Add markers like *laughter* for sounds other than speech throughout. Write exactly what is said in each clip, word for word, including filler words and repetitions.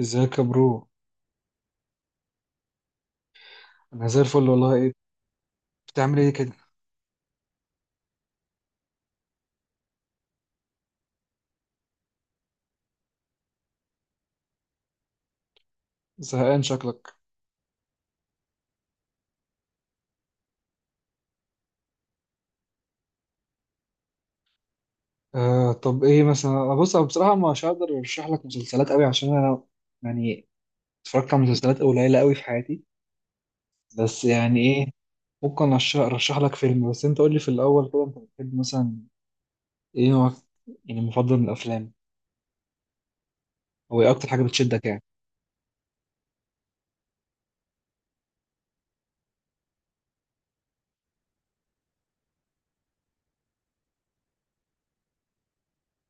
ازيك يا برو؟ انا زي الفل والله. ايه؟ بتعمل ايه كده؟ زهقان شكلك. آه طب ايه مثلا؟ آه، بص انا بصراحه مش هقدر ارشح لك مسلسلات قوي، عشان انا يعني اتفرجت على مسلسلات قليله قوي في حياتي. بس يعني ايه؟ ممكن أرش- ارشح لك فيلم، بس انت قول لي في الاول كده انت بتحب مثلا ايه نوعك يعني مفضل من الافلام؟ او ايه اكتر حاجه بتشدك يعني؟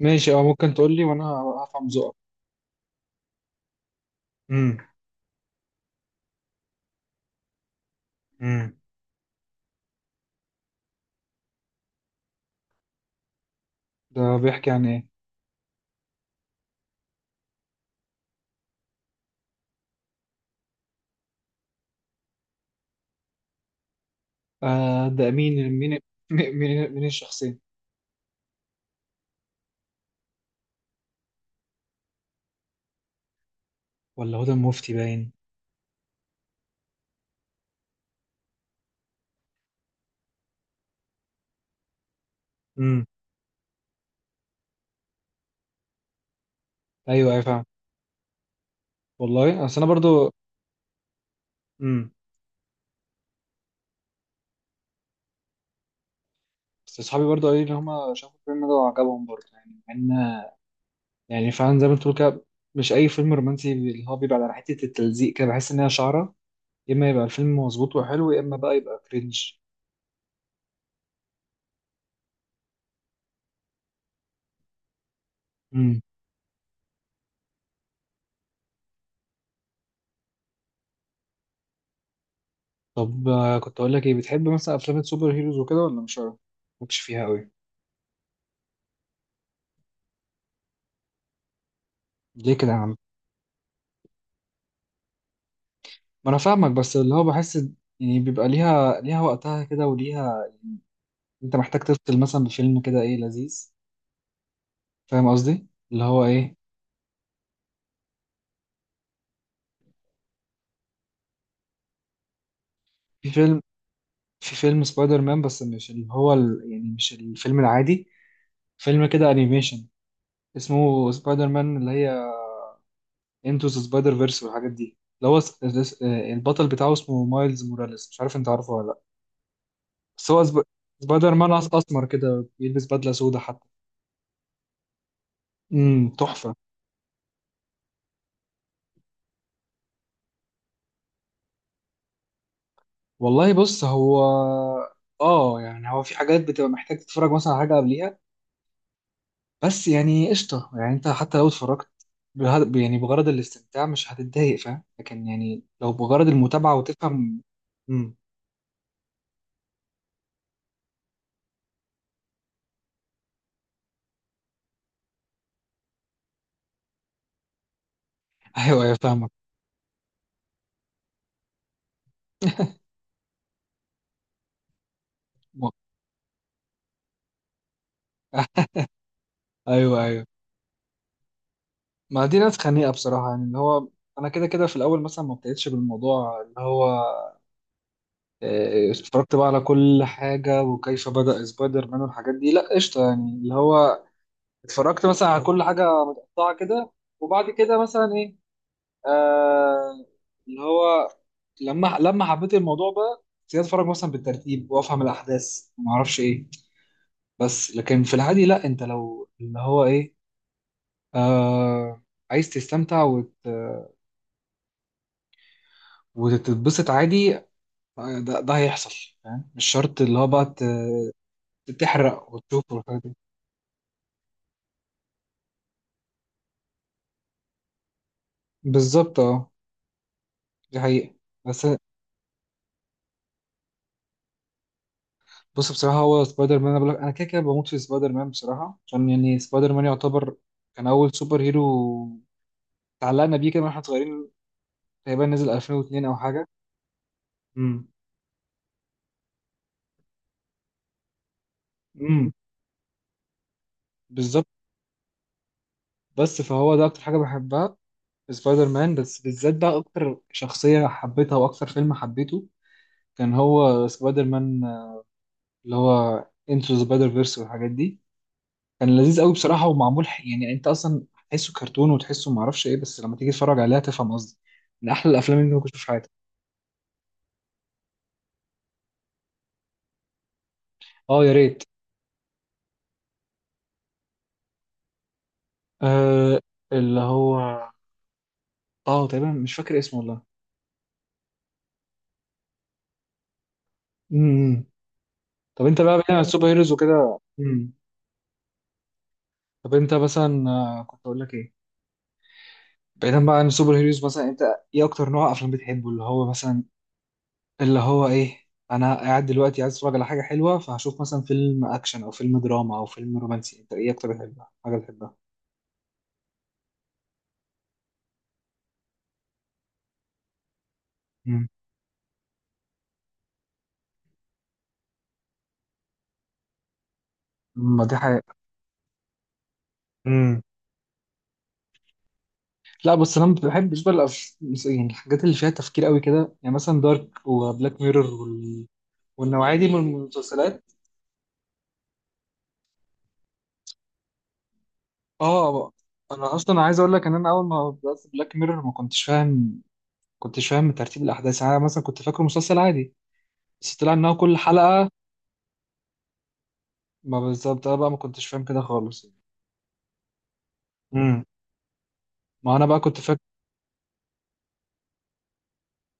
ماشي اه، ممكن تقول لي وانا هفهم ذوقك. امم. امم، ده بيحكي عن ايه؟ آه، ده مين مين *laughs* مين مين مين الشخصين؟ ولا هدى المفتي باين. امم. ايوه، ايوه، فاهم. والله اصل انا برضو. امم. بس اصحابي برضو قالوا لي ان هم شافوا الفيلم ده وعجبهم برضو، يعني مع ان يعني فعلا زي ما انت بتقول كده، مش اي فيلم رومانسي اللي هو بيبقى على حته التلزيق كده بحس ان هي شعره. يا اما يبقى الفيلم مظبوط وحلو، يا اما بقى يبقى كرنج. امم. طب آه، كنت اقول لك ايه؟ بتحب مثلا افلام السوبر هيروز وكده ولا مش عارف؟ مالكش فيها قوي؟ ليه كده يا عم؟ ما انا فاهمك، بس اللي هو بحس يعني بيبقى ليها ليها وقتها كده وليها. انت محتاج تفصل مثلا بفيلم كده، ايه، لذيذ. فاهم قصدي اللي هو ايه. في فيلم في فيلم سبايدر مان، بس مش اللي هو ال... يعني مش الفيلم العادي، فيلم كده انيميشن اسمه سبايدر مان اللي هي انتو ذا سبايدر فيرس والحاجات دي، اللي هو س- س- البطل بتاعه اسمه مايلز موراليس، مش عارف انت عارفه ولا لا. بس هو سب... سبايدر مان أس- اسمر كده، بيلبس بدلة سودا حتى. امم، تحفة. والله بص هو، اه، يعني هو في حاجات بتبقى محتاج تتفرج مثلا على حاجة قبليها، بس يعني قشطة، يعني انت حتى لو اتفرجت بهد... يعني بغرض الاستمتاع مش هتتضايق، فاهم؟ لكن يعني لو بغرض المتابعة وتفهم. امم. *laughs* ايوه، ايوه، فاهمك. م- أه، *laughs* ايوه، ايوه. ما دي ناس خنيقة بصراحة، يعني اللي هو انا كده كده في الاول مثلا ما ابتديتش بالموضوع اللي هو آه، اتفرجت بقى على كل حاجة وكيف بدأ سبايدر مان والحاجات دي، لا قشطة يعني اللي هو اتفرجت مثلا على كل حاجة متقطعة كده، وبعد كده مثلا ايه، آه اللي هو لما لما حبيت الموضوع بقى ابتديت اتفرج مثلا بالترتيب وافهم الاحداث وما اعرفش ايه. بس لكن في العادي لا، انت لو اللي هو ايه، آه عايز تستمتع وت... وتتبسط عادي، آه، ده, ده هيحصل. فاهم؟ مش شرط اللي هو بقى ت- تحرق وتشوف والحاجات دي. بالظبط، اه، دي حقيقة. بس بص، بصراحة هو سبايدر مان، انا بقول لك انا كده كده بموت في سبايدر مان بصراحة، عشان يعني سبايدر مان يعتبر كان اول سوبر هيرو اتعلقنا بيه كده واحنا صغيرين. تقريبا نزل ألفين واتنين او حاجة. مم. امم. بالظبط. بس فهو ده اكتر حاجه بحبها في سبايدر مان، بس بالذات بقى اكتر شخصيه حبيتها واكتر فيلم حبيته كان هو سبايدر مان، آه، اللي هو انتو سبايدر فيرس والحاجات دي. كان لذيذ قوي بصراحه، ومعمول ح- يعني انت اصلا تحسه كرتون وتحسه معرفش ايه، بس لما تيجي تتفرج عليها تفهم قصدي. من احلى الافلام اللي ممكن تشوفها في حياتك. اه يا ريت. آه اللي هو، اه تقريبا مش فاكر اسمه والله. امم. طب انت بقى بعيد عن السوبر هيروز وكده. امم. طب انت مثلا آه، كنت اقول لك ايه؟ بعيدا بقى عن السوبر هيروز مثلا، انت ايه اكتر نوع افلام بتحبه؟ اللي هو مثلا اللي هو ايه، انا قاعد دلوقتي عايز اتفرج على حاجه حلوه، فهشوف مثلا فيلم اكشن او فيلم دراما او فيلم رومانسي؟ انت ايه اكتر بتحبها حاجه بتحبها؟ امم. ما دي حاجه. امم. لا بص، انا ما بحبش بقى الأف- يعني الحاجات اللي فيها تفكير قوي كده، يعني مثلا دارك وبلاك ميرور وال... والنوعيه دي من المسلسلات. اه، انا اصلا عايز اقول لك ان انا اول ما بدات بلاك ميرور ما كنتش فاهم، كنتش فاهم ترتيب الاحداث، يعني انا مثلا كنت فاكره مسلسل عادي، بس طلع انها كل حلقة. ما بالظبط، انا بقى ما كنتش فاهم كده خالص. امم. ما انا بقى كنت فاكر.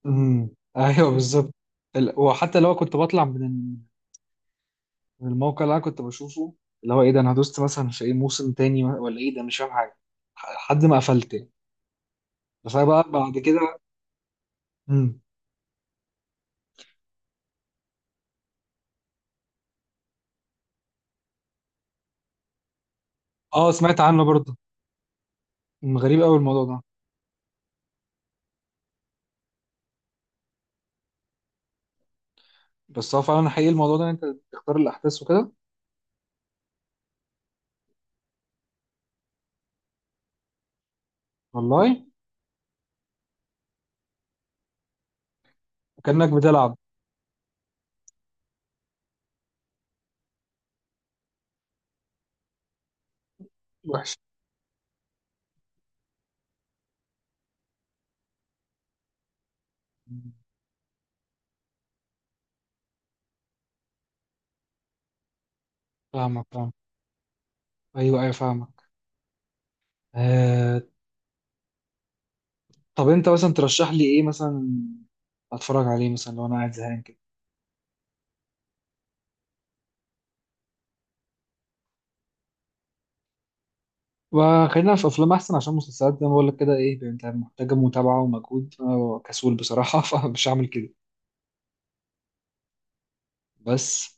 امم. ايوه، بالظبط. ال... وحتى لو كنت بطلع من ال- من الموقع اللي انا كنت بشوفه، اللي هو ايه ده انا دوست مثلا في ايه، موسم تاني ولا ايه ده، مش فاهم حاجة لحد ما قفلت يعني. بس انا بقى بعد كده. امم. اه سمعت عنه برضه. أمم، غريب قوي الموضوع ده. بس هو فعلا حقيقي الموضوع ده، إن انت تختار الاحداث وكده. والله. كأنك بتلعب. وحش. أمم، فاهمك، فاهم. ايوه، ايوه، فاهمك. آه، طب انت مثلا ترشح لي ايه مثلا اتفرج عليه مثلا لو انا قاعد زهقان كده؟ وخلينا في افلام احسن، عشان مسلسلات زي ما بقول لك كده، ايه يعني، انت محتاجه متابعه ومجهود، انا كسول بصراحه *laughs* فمش هعمل كده. بس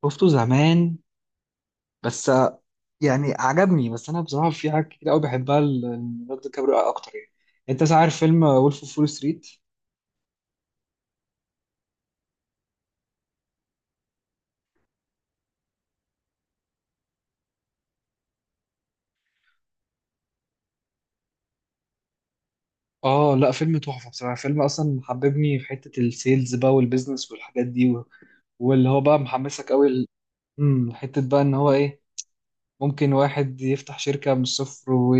شفته زمان، بس آه، يعني عجبني. بس انا بصراحه في حاجات كتير قوي بحبها ال- ليوناردو دي كابريو اكتر يعني. انت مثلا عارف فيلم وولف اوف فول ستريت؟ اه لا، فيلم تحفه بصراحه، فيلم اصلا حببني في حته السيلز بقى والبيزنس والحاجات دي و... واللي هو بقى محمسك قوي ال... امم. حته بقى ان هو ايه، ممكن واحد يفتح شركه من الصفر و...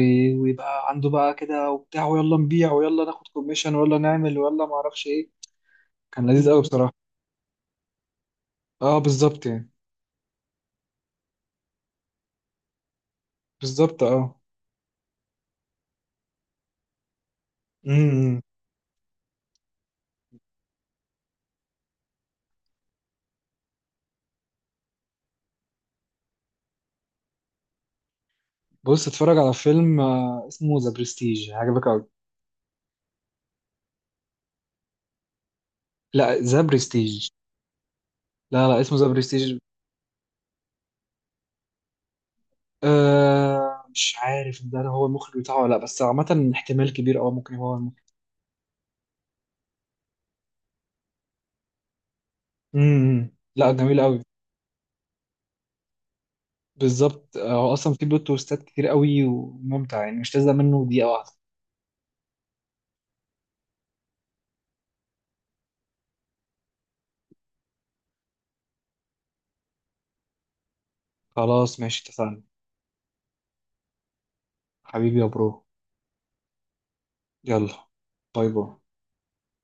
ويبقى عنده بقى كده وبتاع، ويلا نبيع ويلا ناخد كوميشن ويلا نعمل ويلا ما اعرفش ايه. كان لذيذ قوي بصراحه. اه بالظبط يعني. بالظبط اه. امم. بص اتفرج على فيلم آه، اسمه ذا برستيج، عجبك قوي. لا، ذا برستيج. لا لا، اسمه ذا برستيج. أه مش عارف ده هو المخرج بتاعه ولا لا، بس عامة احتمال كبير قوي ممكن هو المخرج. امم. لا جميل قوي. بالظبط، آه، هو اصلا في بلوت تويستات كتير قوي وممتع، يعني مش تزهق منه دقيقة واحدة. خلاص ماشي، اتفقنا. حبيبي يا برو. يلا. باي باي.